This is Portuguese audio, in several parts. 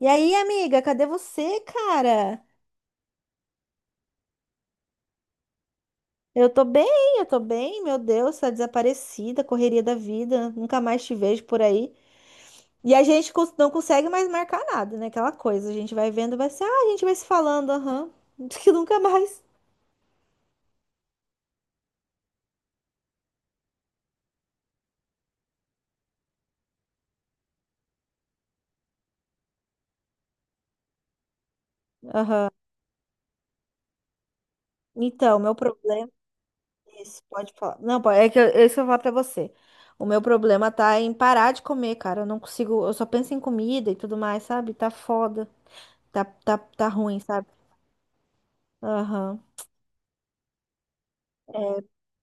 E aí, amiga, cadê você, cara? Eu tô bem, eu tô bem, meu Deus, tá desaparecida, correria da vida, nunca mais te vejo por aí. E a gente não consegue mais marcar nada, né? Aquela coisa, a gente vai vendo, vai ser, a gente vai se falando, aham, que nunca mais. Aham. Então, meu problema é esse, pode falar. Não, pode, é que eu, é isso eu vou falar pra você. O meu problema tá em parar de comer, cara. Eu não consigo, eu só penso em comida e tudo mais, sabe? Tá foda, tá ruim, sabe? Aham.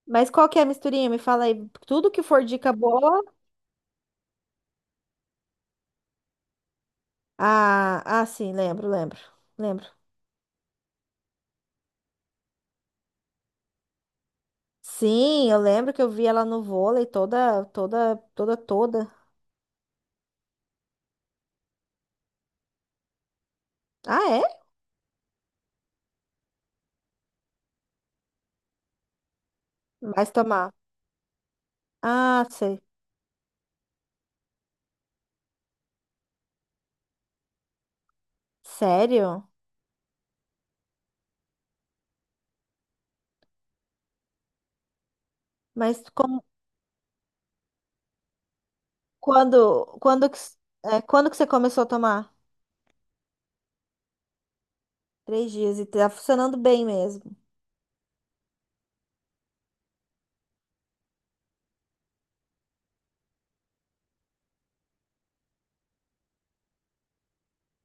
Mas qual que é a misturinha? Me fala aí. Tudo que for dica boa. Ah, sim, lembro, lembro, lembro. Sim, eu lembro que eu vi ela no vôlei toda, toda, toda, toda. Ah, é? Mas tomar. Ah, sei. Sério? Mas como, quando, quando que, s- é, quando que você começou a tomar? Três dias e tá funcionando bem mesmo.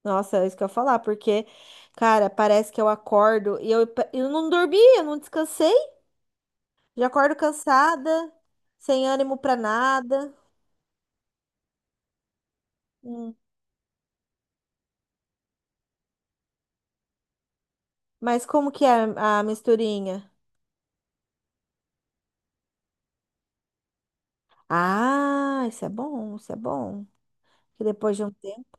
Nossa, é isso que eu ia falar, porque, cara, parece que eu acordo e eu não dormi, eu não descansei. Já acordo cansada, sem ânimo pra nada. Hum. Mas como que é a misturinha? Ah, isso é bom, isso é bom. Que depois de um tempo.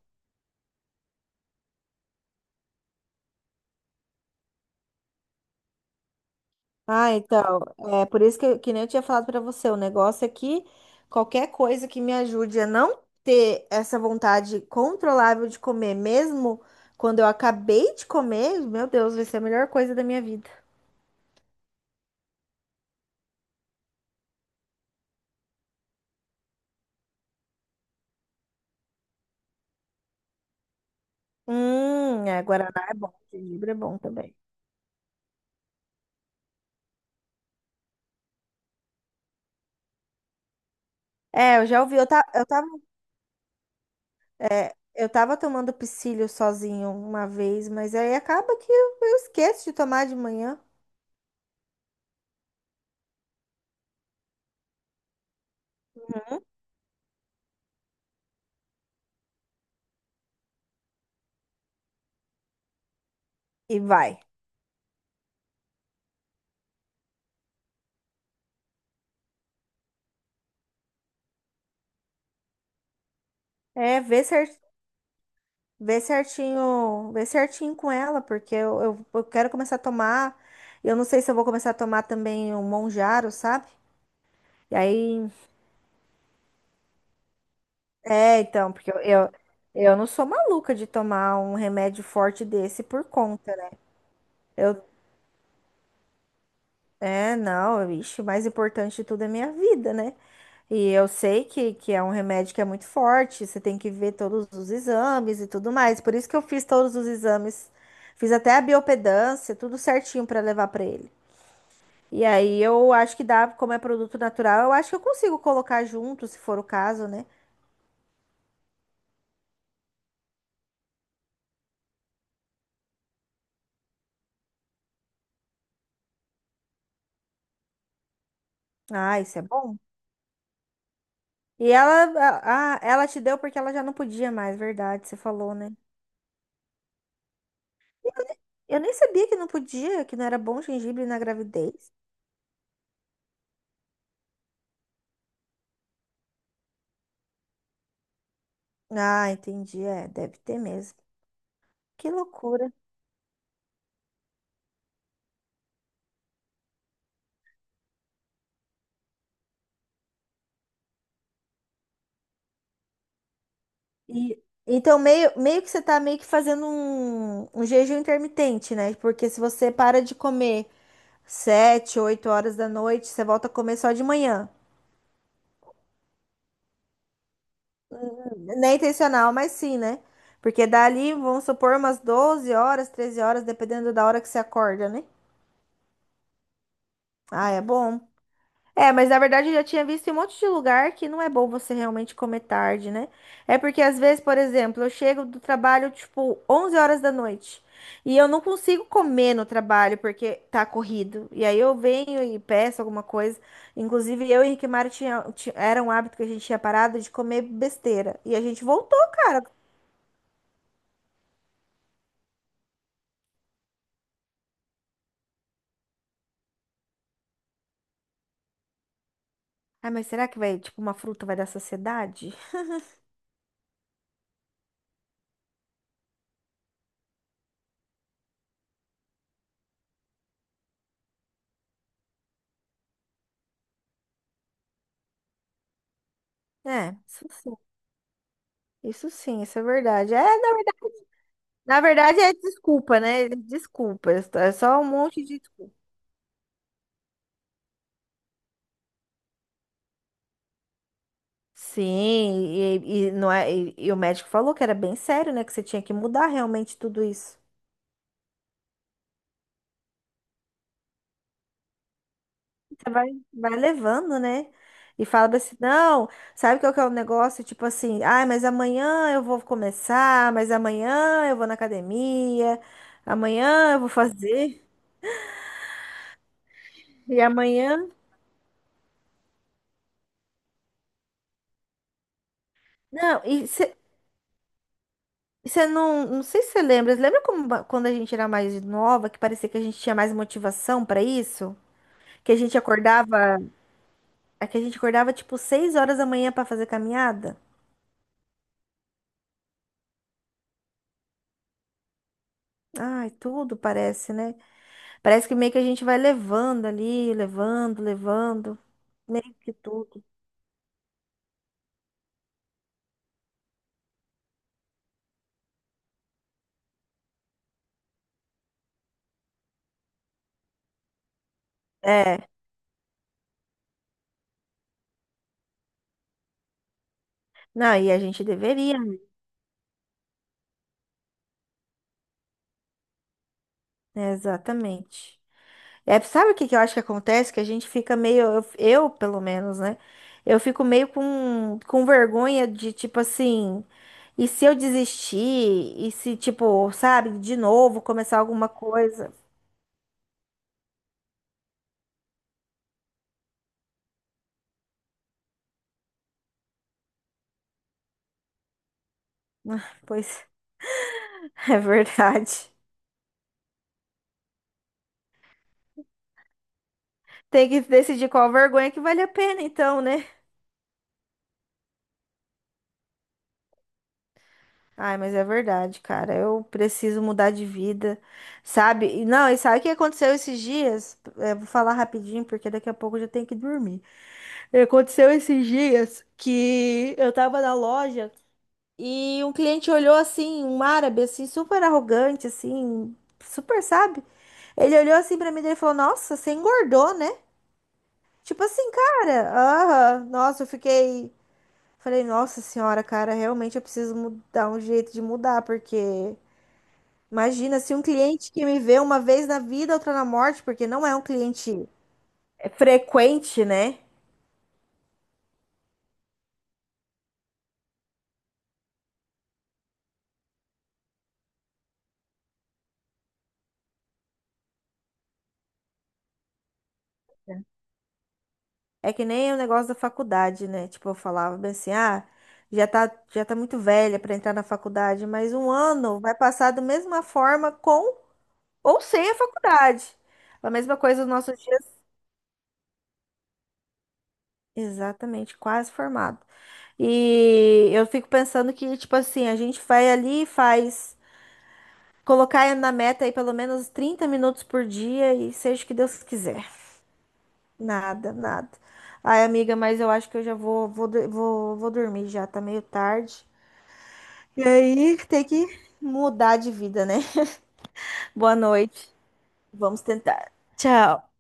Ah, então, é por isso que nem eu tinha falado pra você, o negócio é que qualquer coisa que me ajude a não ter essa vontade controlável de comer, mesmo quando eu acabei de comer, meu Deus, vai ser a melhor coisa da minha vida. É, Guaraná é bom, gengibre é bom também. É, eu já ouvi, eu, ta, eu tava É, eu tava tomando psyllium sozinho uma vez, mas aí acaba que eu esqueço de tomar de manhã e vai. É, vê certinho com ela, porque eu quero começar a tomar. Eu não sei se eu vou começar a tomar também o Monjaro, sabe? E aí, é, então, porque eu não sou maluca de tomar um remédio forte desse por conta, né? Eu, não, vixe, o mais importante de tudo é minha vida, né? E eu sei que é um remédio que é muito forte, você tem que ver todos os exames e tudo mais. Por isso que eu fiz todos os exames, fiz até a biopedância, tudo certinho para levar para ele. E aí eu acho que dá, como é produto natural, eu acho que eu consigo colocar junto, se for o caso, né? Ah, isso é bom. E ela te deu porque ela já não podia mais, verdade, você falou, né? Eu nem eu nem sabia que não podia, que não era bom gengibre na gravidez. Ah, entendi, é, deve ter mesmo. Que loucura. E, então, meio que você tá meio que fazendo um jejum intermitente, né? Porque se você para de comer 7, 8 horas da noite, você volta a comer só de manhã. Não é intencional, mas sim, né? Porque dali, vamos supor, umas 12 horas, 13 horas, dependendo da hora que você acorda, né? Ah, é bom. É, mas na verdade eu já tinha visto em um monte de lugar que não é bom você realmente comer tarde, né? É porque às vezes, por exemplo, eu chego do trabalho tipo 11 horas da noite e eu não consigo comer no trabalho porque tá corrido. E aí eu venho e peço alguma coisa. Inclusive, eu e Henrique Mário era um hábito que a gente tinha parado de comer besteira. E a gente voltou, cara. Ah, mas será que vai, tipo, uma fruta vai dar saciedade? É, isso sim. Isso sim, isso é verdade. É, na verdade, é desculpa, né? Desculpas, é só um monte de desculpa. Sim, e não é, e o médico falou que era bem sério, né? Que você tinha que mudar realmente tudo isso. Você vai levando, né? E fala assim, não, sabe qual que é o negócio? Tipo assim, ai, mas amanhã eu vou começar, mas amanhã eu vou na academia, amanhã eu vou fazer, e amanhã. Não, você não, não sei se você lembra, você lembra como quando a gente era mais nova, que parecia que a gente tinha mais motivação pra isso? Que a gente acordava, é que a gente acordava tipo 6 horas da manhã pra fazer caminhada? Ai, tudo parece, né? Parece que meio que a gente vai levando ali, levando, levando, meio que tudo. É, não, e a gente deveria, né? Exatamente. É, sabe o que que eu acho que acontece? Que a gente fica meio, eu, pelo menos, né? Eu fico meio com vergonha de tipo assim, e se eu desistir? E se, tipo, sabe, de novo começar alguma coisa? Ah, pois é verdade. Tem que decidir qual vergonha que vale a pena, então, né? Ai, mas é verdade, cara. Eu preciso mudar de vida, sabe? E não, e sabe o que aconteceu esses dias? É, vou falar rapidinho, porque daqui a pouco eu já tenho que dormir. Aconteceu esses dias que eu tava na loja e um cliente olhou assim, um árabe assim, super arrogante assim, super, sabe? Ele olhou assim pra mim e falou: "Nossa, você engordou, né?" Tipo assim, cara, aham, nossa, eu fiquei, falei: "Nossa senhora, cara, realmente eu preciso dar um jeito de mudar, porque imagina se um cliente que me vê uma vez na vida, outra na morte, porque não é um cliente é frequente, né?" É que nem o negócio da faculdade, né? Tipo, eu falava bem assim, já tá muito velha para entrar na faculdade, mas um ano vai passar da mesma forma com ou sem a faculdade. A mesma coisa nos nossos dias. Exatamente, quase formado. E eu fico pensando que, tipo assim, a gente vai ali e faz, colocar na meta aí pelo menos 30 minutos por dia e seja o que Deus quiser. Nada, nada. Ai, amiga, mas eu acho que eu já vou dormir já, tá meio tarde. E aí, tem que mudar de vida, né? Boa noite. Vamos tentar. Tchau.